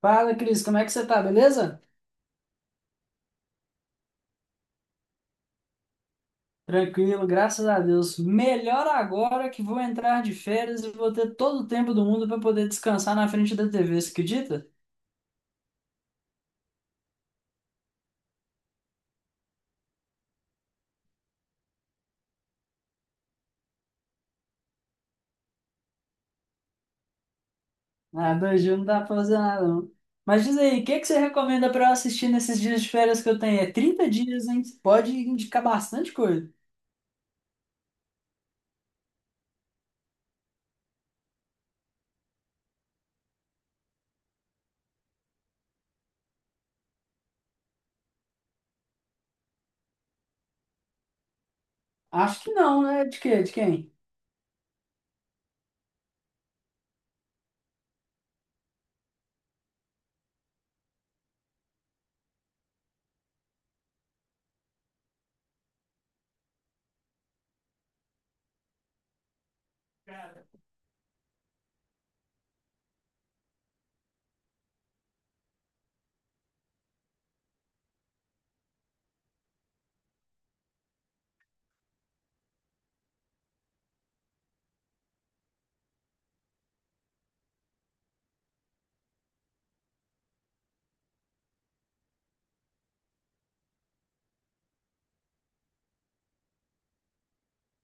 Fala, Cris, como é que você tá, beleza? Tranquilo, graças a Deus. Melhor agora que vou entrar de férias e vou ter todo o tempo do mundo para poder descansar na frente da TV, você acredita? Ah, dois dias não dá pra fazer nada, não. Mas diz aí, o que que você recomenda para eu assistir nesses dias de férias que eu tenho? É 30 dias, hein? Pode indicar bastante coisa. Acho que não, né? De quê? De quem?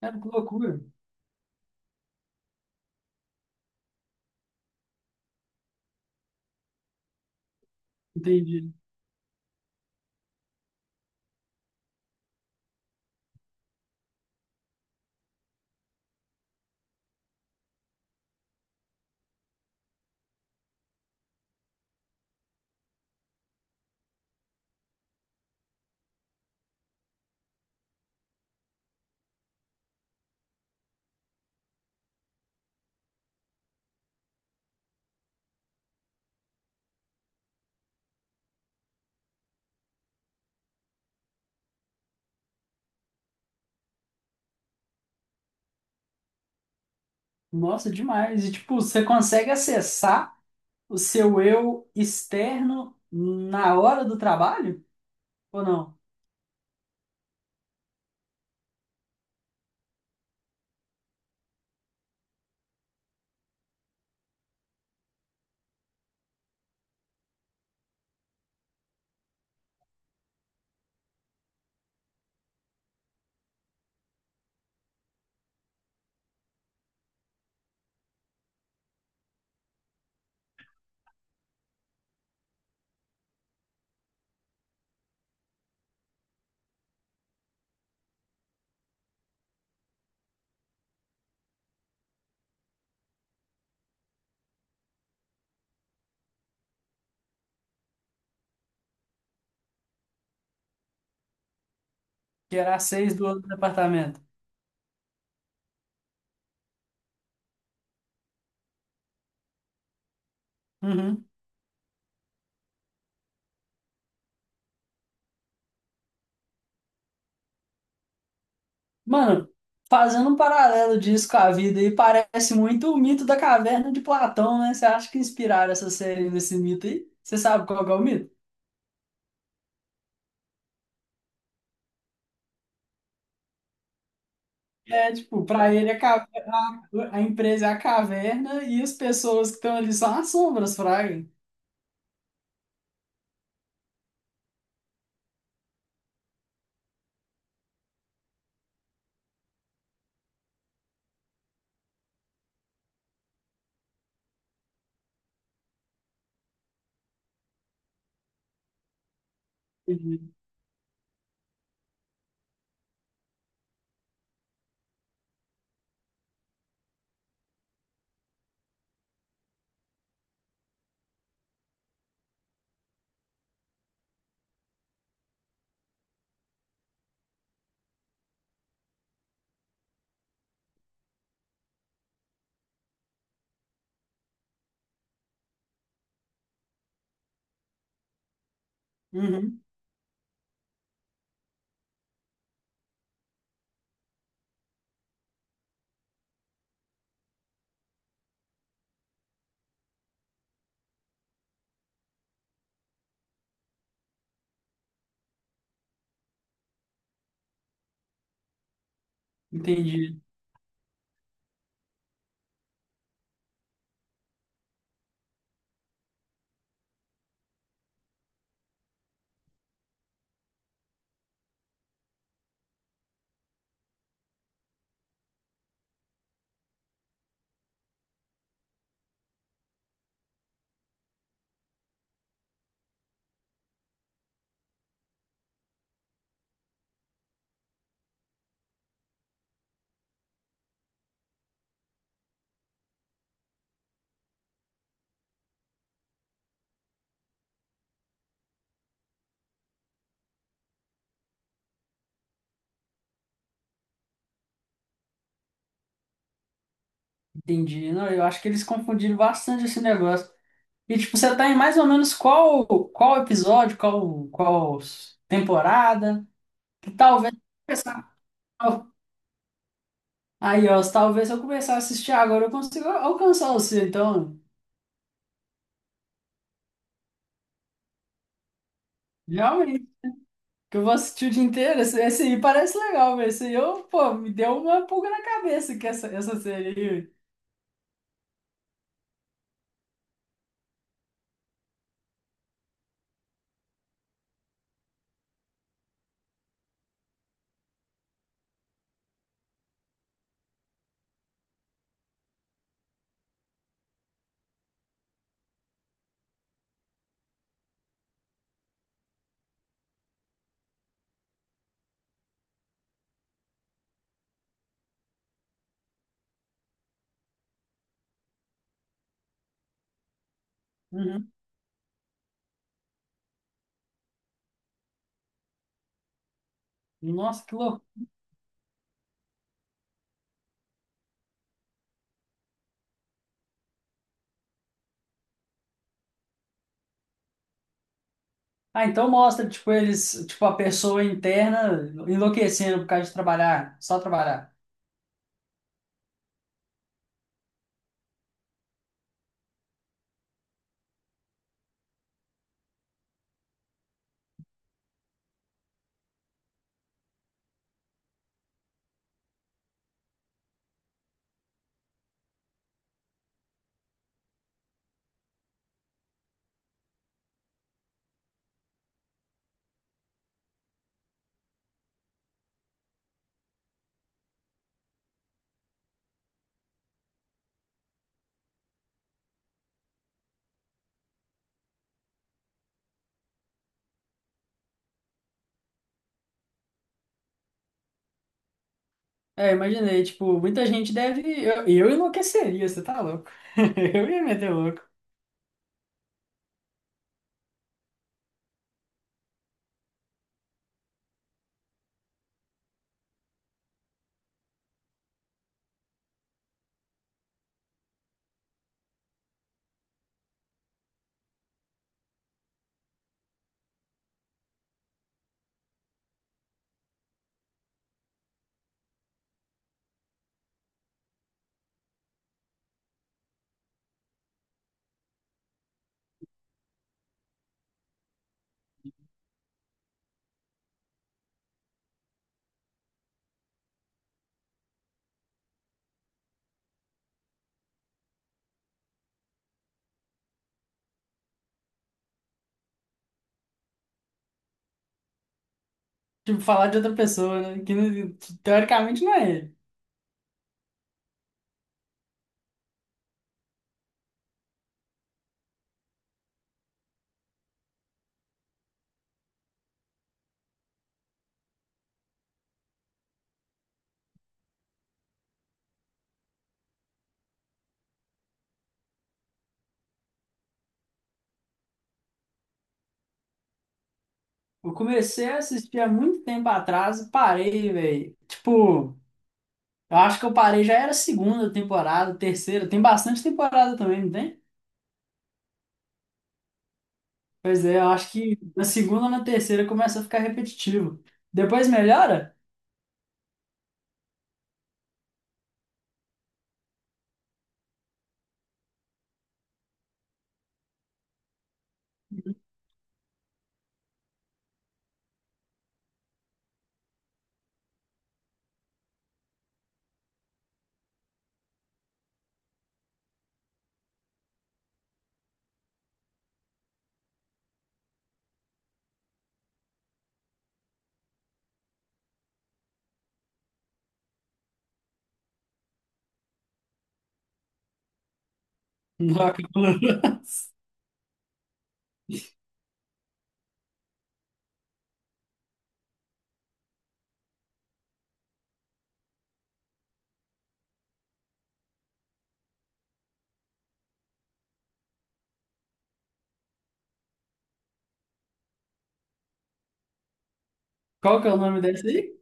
É, que loucura. Entendi. Nossa, demais. E tipo, você consegue acessar o seu eu externo na hora do trabalho? Ou não? Gerar seis do outro departamento. Uhum. Mano, fazendo um paralelo disso com a vida aí, parece muito o mito da caverna de Platão, né? Você acha que inspiraram essa série nesse mito aí? Você sabe qual que é o mito? É, tipo, pra ele a, a empresa é a caverna e as pessoas que estão ali são as sombras, fraga. Entendi. Uhum. Entendi. Entendi. Não, eu acho que eles confundiram bastante esse negócio. E, tipo, você tá em mais ou menos qual, qual episódio, qual temporada? Talvez começar. Aí, ó, se talvez se eu começar a assistir agora, eu consigo alcançar o seu, então. Realmente. Que eu vou assistir o dia inteiro. Esse aí parece legal, mas esse aí eu, pô, me deu uma pulga na cabeça que essa série aí. Uhum. Nossa, que louco. Ah, então mostra, tipo, eles, tipo, a pessoa interna enlouquecendo por causa de trabalhar, só trabalhar. É, imaginei, tipo, muita gente deve. Eu enlouqueceria, você tá louco? Eu ia meter louco. Tipo, falar de outra pessoa, né? Que teoricamente não é ele. Eu comecei a assistir há muito tempo atrás e parei, velho. Tipo, eu acho que eu parei já era segunda temporada, terceira. Tem bastante temporada também, não tem? Pois é, eu acho que na segunda ou na terceira começa a ficar repetitivo. Depois melhora? Não. Qual que é o nome dessa aí?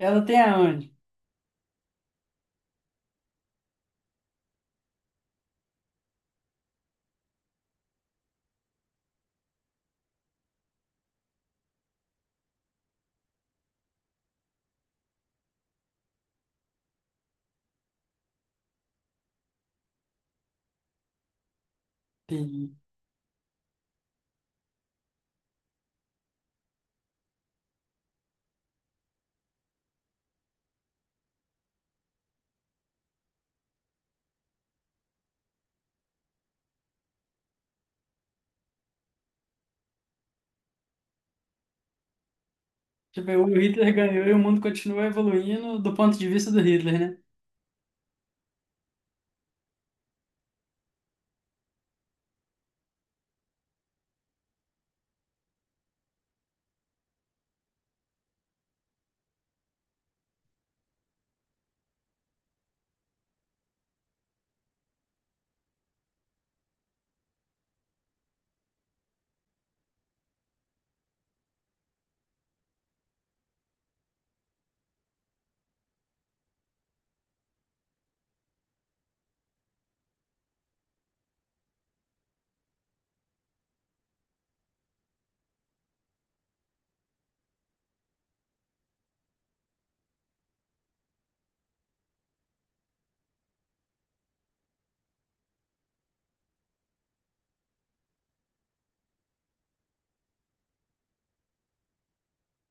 Ela tem aonde? Tem. Tipo, o Hitler ganhou e o mundo continua evoluindo do ponto de vista do Hitler, né?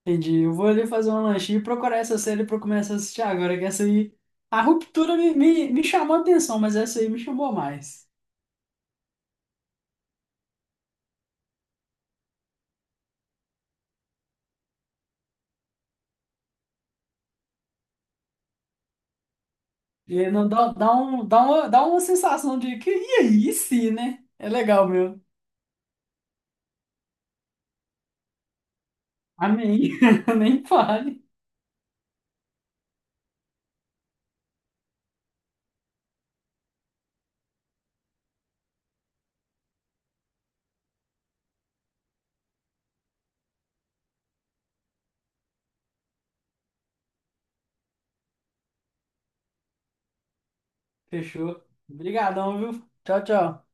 Entendi. Eu vou ali fazer um lanchinho e procurar essa série pra eu começar a assistir agora, que essa aí. A Ruptura me chamou a atenção, mas essa aí me chamou mais. E aí não dá, dá, um, dá uma sensação de que, e aí, sim, né? É legal, meu. Amém. Nem fale. Fechou. Obrigadão, viu? Tchau, tchau.